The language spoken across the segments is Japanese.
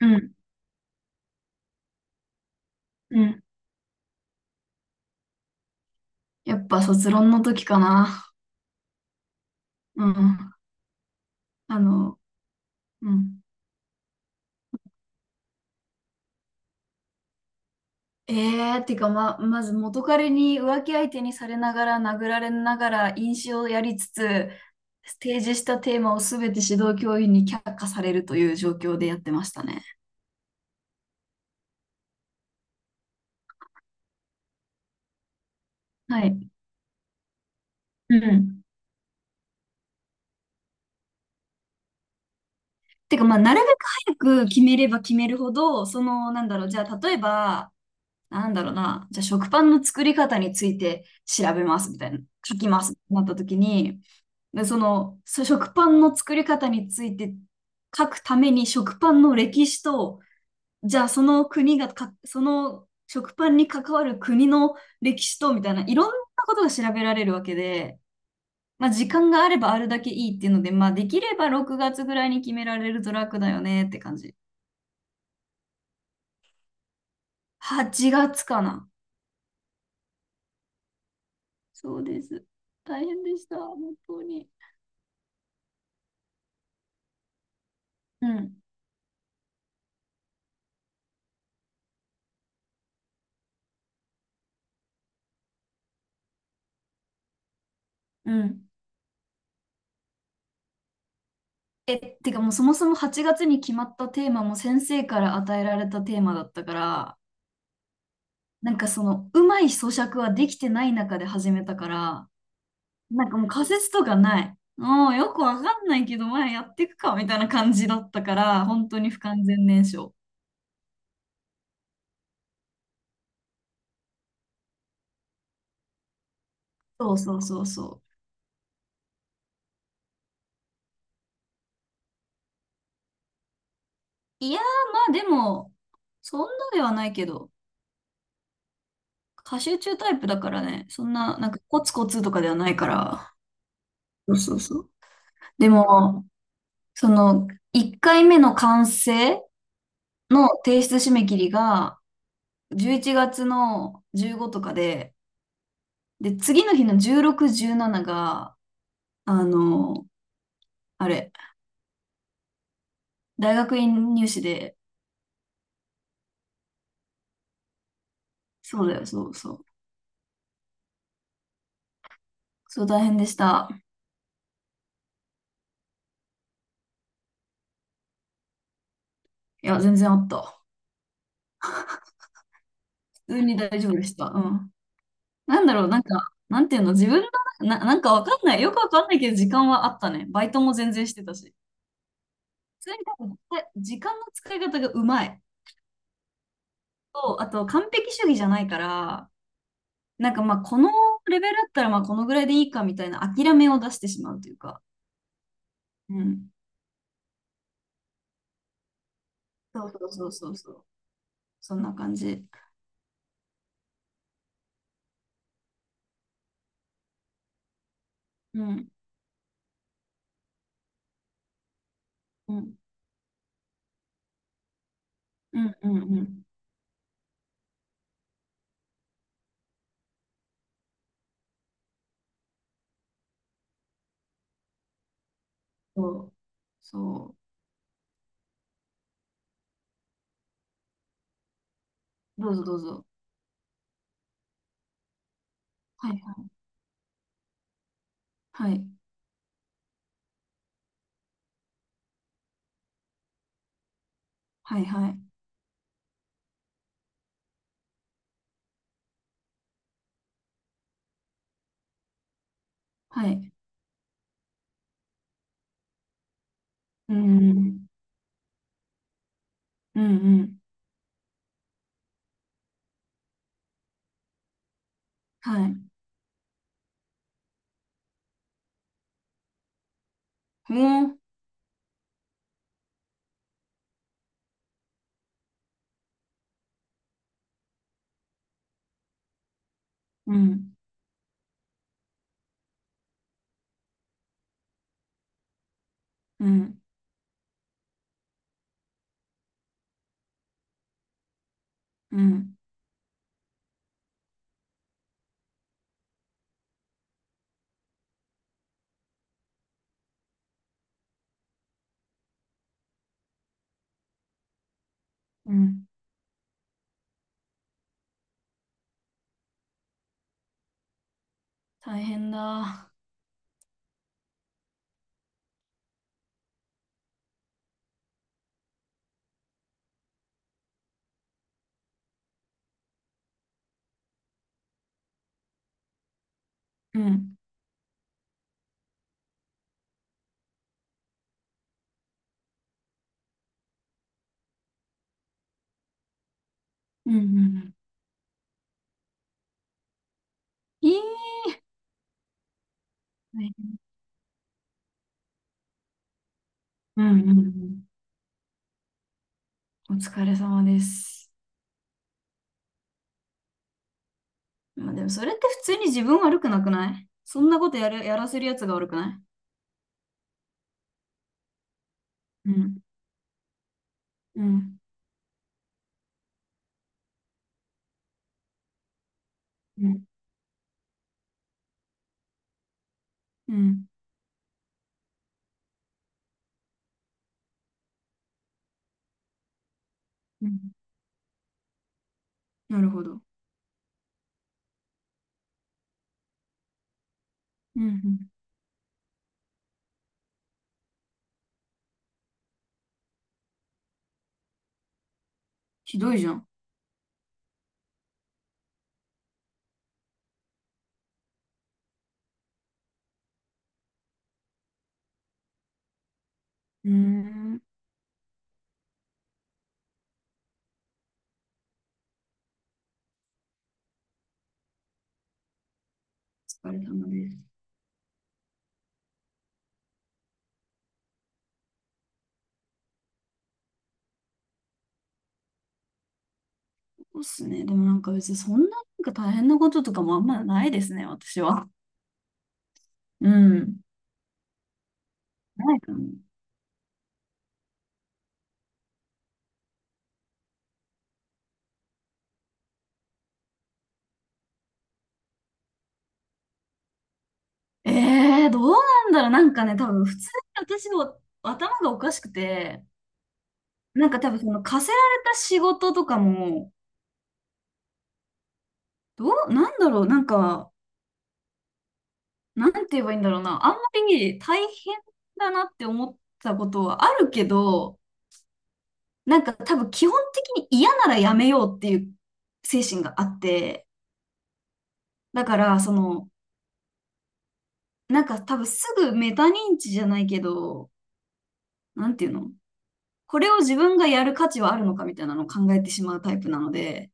うん、うん。やっぱ卒論の時かな。うん。あの、うん。えってかまず元彼に浮気相手にされながら殴られながら飲酒をやりつつ、提示したテーマをすべて指導教員に却下されるという状況でやってましたね。はい。うん。てか、まあ、なるべく早く決めれば決めるほど、その、なんだろう、じゃあ、例えば、なんだろうな、じゃあ食パンの作り方について調べますみたいな、書きますってなった時に、でその食パンの作り方について書くために食パンの歴史と、じゃあその国がか、その食パンに関わる国の歴史とみたいな、いろんなことが調べられるわけで、まあ、時間があればあるだけいいっていうので、まあ、できれば6月ぐらいに決められると楽だよねって感じ。8月かな。そうです。大変でした、本当に。うん。うん。え、てかもうそもそも8月に決まったテーマも先生から与えられたテーマだったから、なんかそのうまい咀嚼はできてない中で始めたから、なんかもう仮説とかない。もうよくわかんないけど、まあやっていくかみたいな感じだったから、本当に不完全燃焼。そうそうそうそう。いやー、まあでも、そんなではないけど、過集中タイプだからね、そんな、なんかコツコツとかではないから。そうそうそう。でも、その、1回目の完成の提出締め切りが11月の15とかで、で、次の日の16、17が、あの、あれ、大学院入試で。そうだよ、そうそう。そう大変でした。いや、全然あった。普通に大丈夫でした。うん。なんだろう、なんか、なんていうの、自分の、なんかわかんない。よくわかんないけど、時間はあったね。バイトも全然してたし。普通に多分、時間の使い方がうまい。と、あと、完璧主義じゃないから、なんかまあ、このレベルだったらまあ、このぐらいでいいかみたいな諦めを出してしまうというか。うん。そうそうそうそうそう。そんな感じ。うん。うん。うんうんうん。そう。そう。どうぞどうぞ。はいはい。はいはい。はい。うん。うんうん。はい。もう。うん。うん。うん。うん。大変だ。うん。うんうんうん。いい。大変。うんうんうん。お疲れ様です。まあでもそれって普通に自分悪くなくない、そんなことやらせるやつが悪くない。うん、うん、うん、うん、うん。なるほど。うん、うん。ひどいじゃん。うーん。疲れたのです。そうっすね。でもなんか別にそんななんか大変なこととかもあんまないですね、私は。うん。ないかも。えどうなんだろう。なんかね、多分普通に私の頭がおかしくて、なんか多分その課せられた仕事とかも、どう、なんだろう。なんか、なんて言えばいいんだろうな。あんまり大変だなって思ったことはあるけど、なんか多分基本的に嫌ならやめようっていう精神があって、だからその、なんか多分すぐメタ認知じゃないけど、なんていうの、これを自分がやる価値はあるのかみたいなのを考えてしまうタイプなので、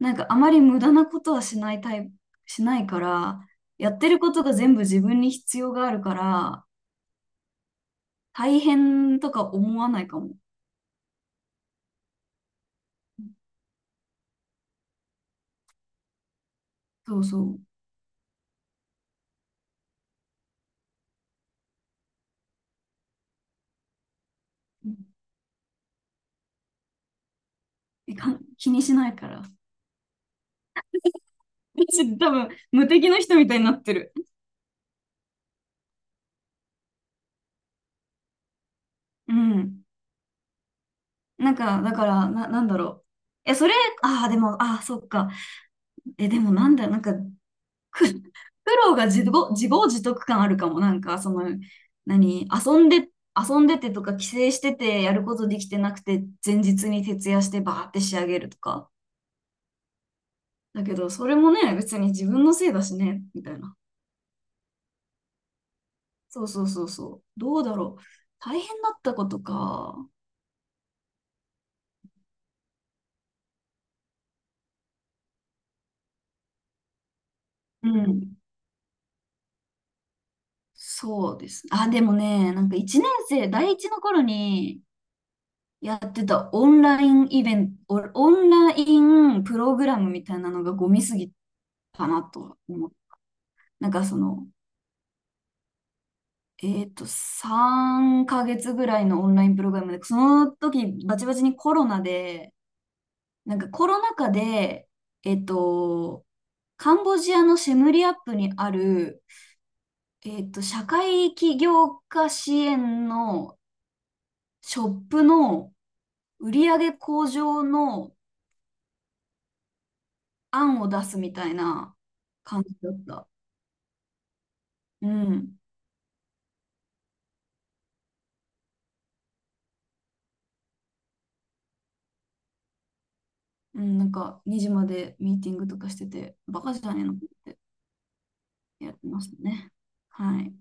なんかあまり無駄なことはしないタイプ、しないから、やってることが全部自分に必要があるから、大変とか思わないかも。そうそう。えかん気にしないから。私多分無敵の人みたいになってる。うん。なんか、だから、なんだろう。え、それ、ああ、でも、ああ、そっか。え、でもなんだよ、なんか、苦労が自業自得感あるかも。なんか、その、何、遊んでてとか、帰省してて、やることできてなくて、前日に徹夜してバーって仕上げるとか。だけど、それもね、別に自分のせいだしね、みたいな。そうそうそうそう。どうだろう。大変だったことか。うん。そうです。あ、でもね、なんか1年生、第1の頃にやってたオンラインプログラムみたいなのがゴミすぎたなとは思う。なんかその、3ヶ月ぐらいのオンラインプログラムで、その時バチバチにコロナで、なんかコロナ禍で、えっと、カンボジアのシェムリアップにある、社会起業家支援のショップの売り上げ向上の案を出すみたいな感じだった。うん。うん、なんか2時までミーティングとかしてて、バカじゃねえのってやってましたね。はい。